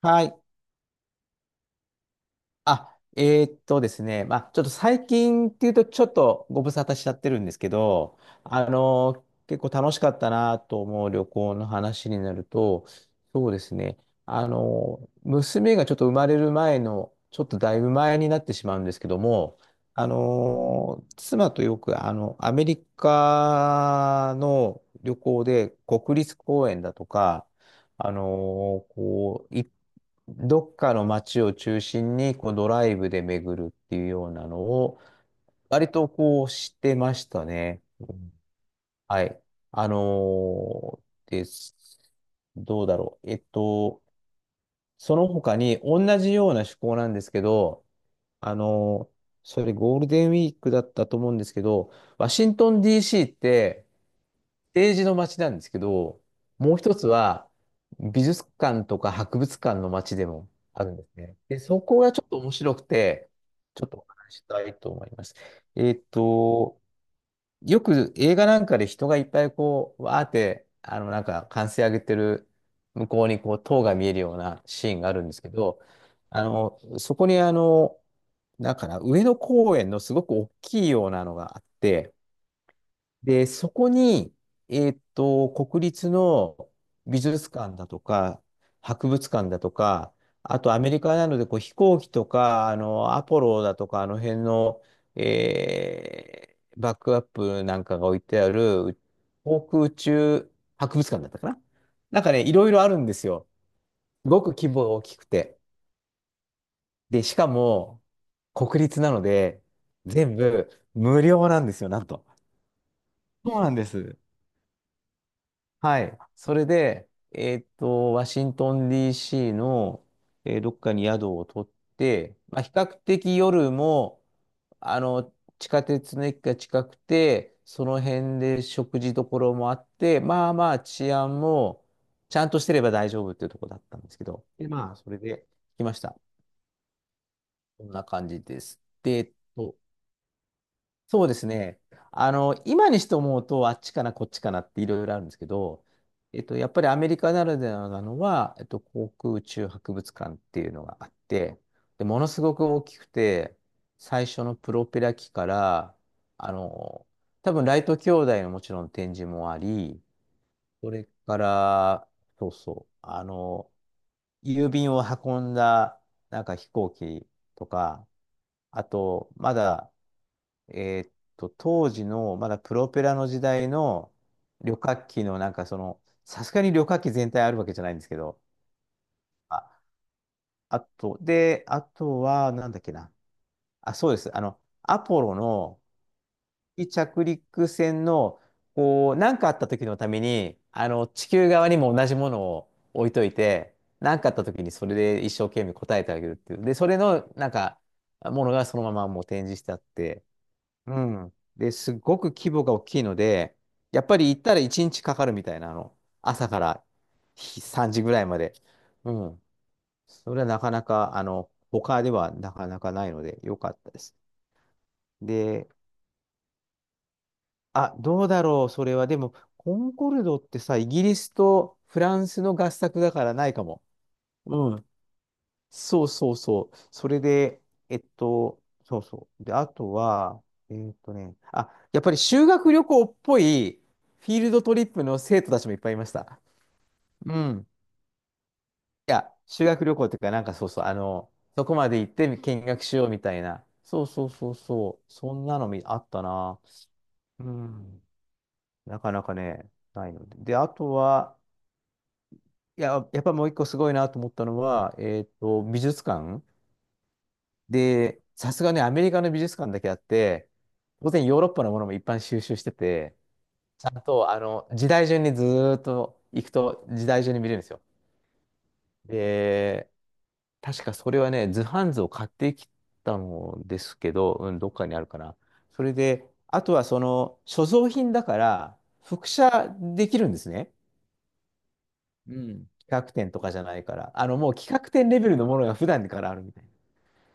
はい。あ、ですね、まあ、ちょっと最近っていうと、ちょっとご無沙汰しちゃってるんですけど、結構楽しかったなと思う旅行の話になると、そうですね、娘がちょっと生まれる前の、ちょっとだいぶ前になってしまうんですけども、妻とよく、アメリカの旅行で、国立公園だとか、こう、どっかの街を中心にこうドライブで巡るっていうようなのを、割とこうしてましたね。うん、はい。あのーです。どうだろう。その他に同じような趣向なんですけど、あのーそれゴールデンウィークだったと思うんですけど、ワシントン DC って、ージの街なんですけど、もう一つは美術館とか博物館の街でもあるんですね。で、そこがちょっと面白くて、ちょっとお話ししたいと思います。えっと、よく映画なんかで人がいっぱいこう、わーって、なんか歓声上げてる向こうにこう、塔が見えるようなシーンがあるんですけど、そこになんかな、上野公園のすごく大きいようなのがあって、で、そこに、国立の美術館だとか、博物館だとか、あとアメリカなのでこう飛行機とか、アポロだとか、あの辺の、えーバックアップなんかが置いてある、航空宇宙博物館だったかな。なんかね、いろいろあるんですよ。すごく規模が大きくて。で、しかも、国立なので、全部無料なんですよ、なんと。そうなんです。はい。それで、ワシントン DC の、どっかに宿を取って、まあ、比較的夜も、あの、地下鉄の駅が近くて、その辺で食事どころもあって、まあまあ治安もちゃんとしてれば大丈夫っていうところだったんですけど、で、まあ、それで来ました。こんな感じです。で、そうですね。今にして思うと、あっちかな、こっちかなっていろいろあるんですけど、やっぱりアメリカならではなのは、航空宇宙博物館っていうのがあって、で、ものすごく大きくて、最初のプロペラ機から、あの、多分ライト兄弟のもちろん展示もあり、それから、そうそう、郵便を運んだ、なんか飛行機とか、あと、まだ、当時の、まだプロペラの時代の旅客機の、なんかその、さすがに旅客機全体あるわけじゃないんですけど、あ、あと、で、あとは、なんだっけな。あ、そうです。アポロの、着陸船の、こう、何かあった時のために、地球側にも同じものを置いといて、何かあった時にそれで一生懸命答えてあげるっていう。で、それの、なんか、ものがそのままもう展示してあって、うん。で、すごく規模が大きいので、やっぱり行ったら1日かかるみたいな、朝から3時ぐらいまで。うん。それはなかなか、他ではなかなかないので、良かったです。で、あ、どうだろう、それは。でも、コンコルドってさ、イギリスとフランスの合作だからないかも。うん。そうそうそう。それで、そうそう。で、あとは、あ、やっぱり修学旅行っぽいフィールドトリップの生徒たちもいっぱいいました。うん。いや、修学旅行っていうか、なんかそうそう、そこまで行って見学しようみたいな。そうそうそうそう。そんなのみあったな。うん。なかなかね、ないので。で、あとは、いや、やっぱもう一個すごいなと思ったのは、美術館で、さすがね、アメリカの美術館だけあって、当然ヨーロッパのものも一般収集してて、ちゃんと、時代順にずーっと行くと時代順に見れるんですよ。で、確かそれはね、図版図を買ってきたのですけど、うん、どっかにあるかな。それで、あとはその、所蔵品だから、複写できるんですね。うん。企画展とかじゃないから。もう企画展レベルのものが普段からあるみたいな。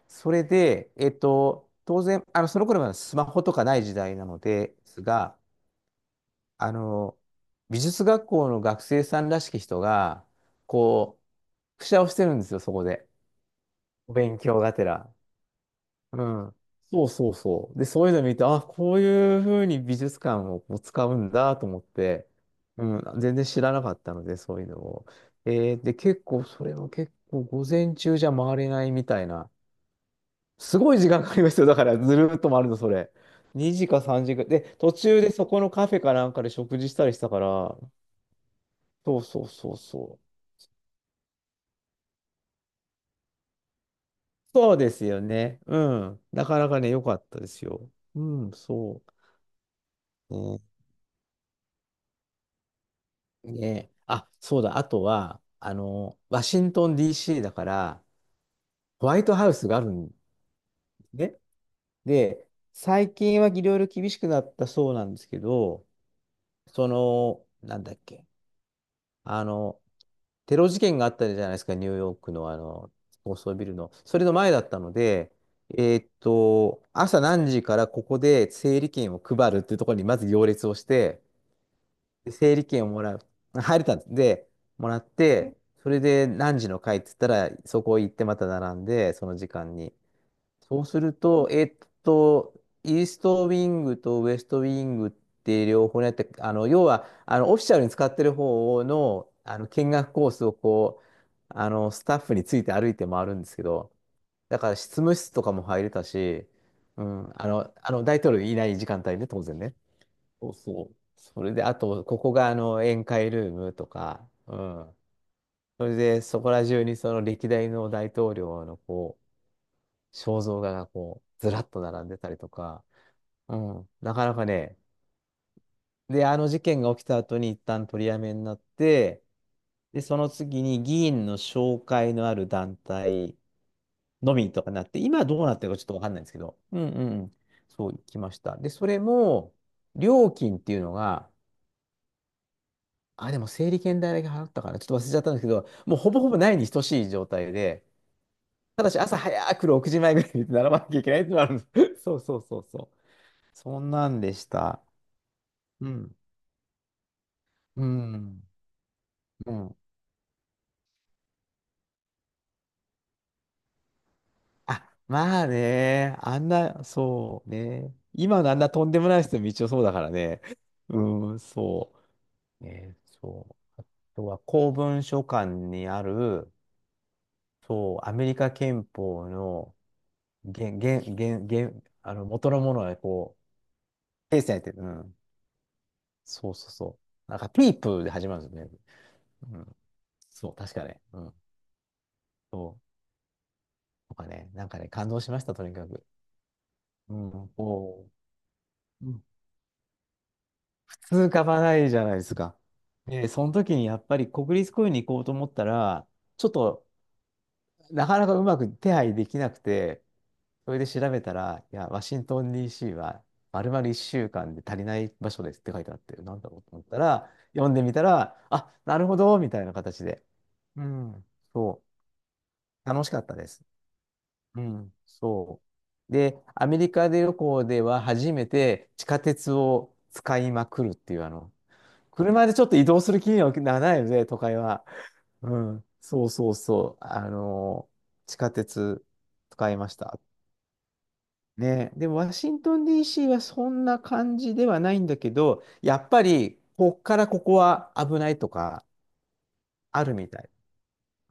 それで、当然、その頃はスマホとかない時代なのですが、あの、美術学校の学生さんらしき人が、こう、くしゃをしてるんですよ、そこで。お勉強がてら。うん。そうそうそう。で、そういうの見て、あ、こういうふうに美術館をこう使うんだと思って、うん、全然知らなかったので、そういうのを。で、結構、それは結構、午前中じゃ回れないみたいな。すごい時間かかりますよ。だからずるっと回るの、それ。2時か3時かん。で、途中でそこのカフェかなんかで食事したりしたから、そうそうそうそう。そうですよね。うん。なかなかね、良かったですよ。うん、そう。ね。ね。あ、そうだ。あとは、ワシントン DC だから、ホワイトハウスがあるんね。で、最近はいろいろ厳しくなったそうなんですけど、その、なんだっけ。あの、テロ事件があったじゃないですか、ニューヨークのあの、高層ビルの。それの前だったので、朝何時からここで整理券を配るっていうところにまず行列をして、で整理券をもらう。入れたんです。で、もらって、それで何時の回って言ったら、そこ行ってまた並んで、その時間に。そうすると、と、イーストウィングとウエストウィングって両方やって、要は、オフィシャルに使ってる方の、見学コースをこう、スタッフについて歩いて回るんですけど、だから執務室とかも入れたし、うん、あの、大統領いない時間帯ね、当然ね。そうそう。それで、あと、ここが、宴会ルームとか、うん。それで、そこら中にその歴代の大統領の肖像画がこう、ずらっと並んでたりとか、うん、なかなかね、で、あの事件が起きた後に一旦取りやめになって、で、その次に議員の紹介のある団体のみとかなって、今どうなってるかちょっとわかんないんですけど、うんうんうん、そう行きました。で、それも、料金っていうのが、あ、でも整理券代だけ払ったかな、ちょっと忘れちゃったんですけど、もうほぼほぼないに等しい状態で、ただし朝早く6時前ぐらいに並ばなきゃいけないってのがあるんです。そうそうそうそう。そんなんでした。うん。うん。うん。あ、まあね。あんな、そうね。今のあんなとんでもない人も一応そうだからね。うん、そう。ね、そう。あとは公文書館にある、そう、アメリカ憲法の原、原、原、原、元のものがこう、訂正されてる。うん。そうそうそう。なんか、ピープで始まるんですよね。うん。そう、確かね。うん。そう。とかね、なんかね、感動しました、とにかく。うん。おう。通かばないじゃないですか。で、その時にやっぱり国立公園に行こうと思ったら、ちょっとなかなかうまく手配できなくて、それで調べたら、いや、ワシントン DC は丸々1週間で足りない場所ですって書いてあって、なんだろうと思ったら、読んでみたら、あ、なるほど、みたいな形で。うん、そう、楽しかったです。うん、そう。で、アメリカで旅行では初めて地下鉄を使いまくるっていう、車でちょっと移動する気にはならないので、都会は。うん。そうそうそう。地下鉄使いました。ね。で、ワシントン DC はそんな感じではないんだけど、やっぱり、こっからここは危ないとか、あるみたい。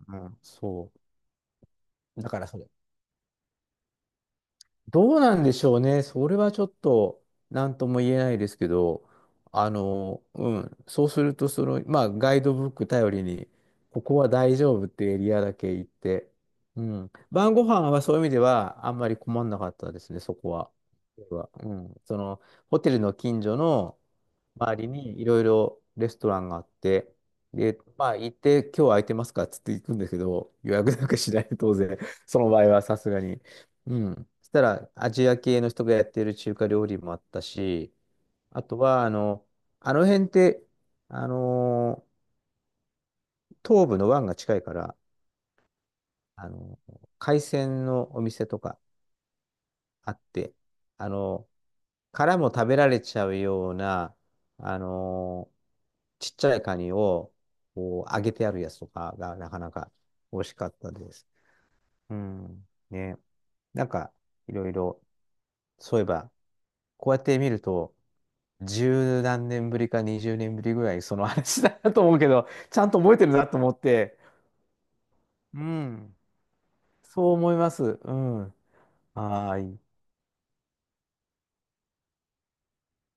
うん、そう。だからそれ。どうなんでしょうね。それはちょっと何とも言えないですけど、そうすると、その、まあ、ガイドブック頼りに、ここは大丈夫ってエリアだけ行って、うん、晩ご飯はそういう意味ではあんまり困んなかったですね、そこは。僕はうん、その、ホテルの近所の周りにいろいろレストランがあって、で、まあ、行って、今日空いてますかっつって行くんですけど、予約なんかしない、当然、その場合はさすがに。うん。そしたら、アジア系の人がやってる中華料理もあったし、あとは、あの辺って、あのー東部の湾が近いから、海鮮のお店とかあって、あのー殻も食べられちゃうような、あのーちっちゃいカニを、こう、揚げてあるやつとかが、なかなか美味しかったです。うん。ね。なんか、いろいろ、そういえば、こうやって見ると、十何年ぶりか二十年ぶりぐらいその話だなと思うけど、ちゃんと覚えてるなと思って、うん、そう思います。うん。はーい。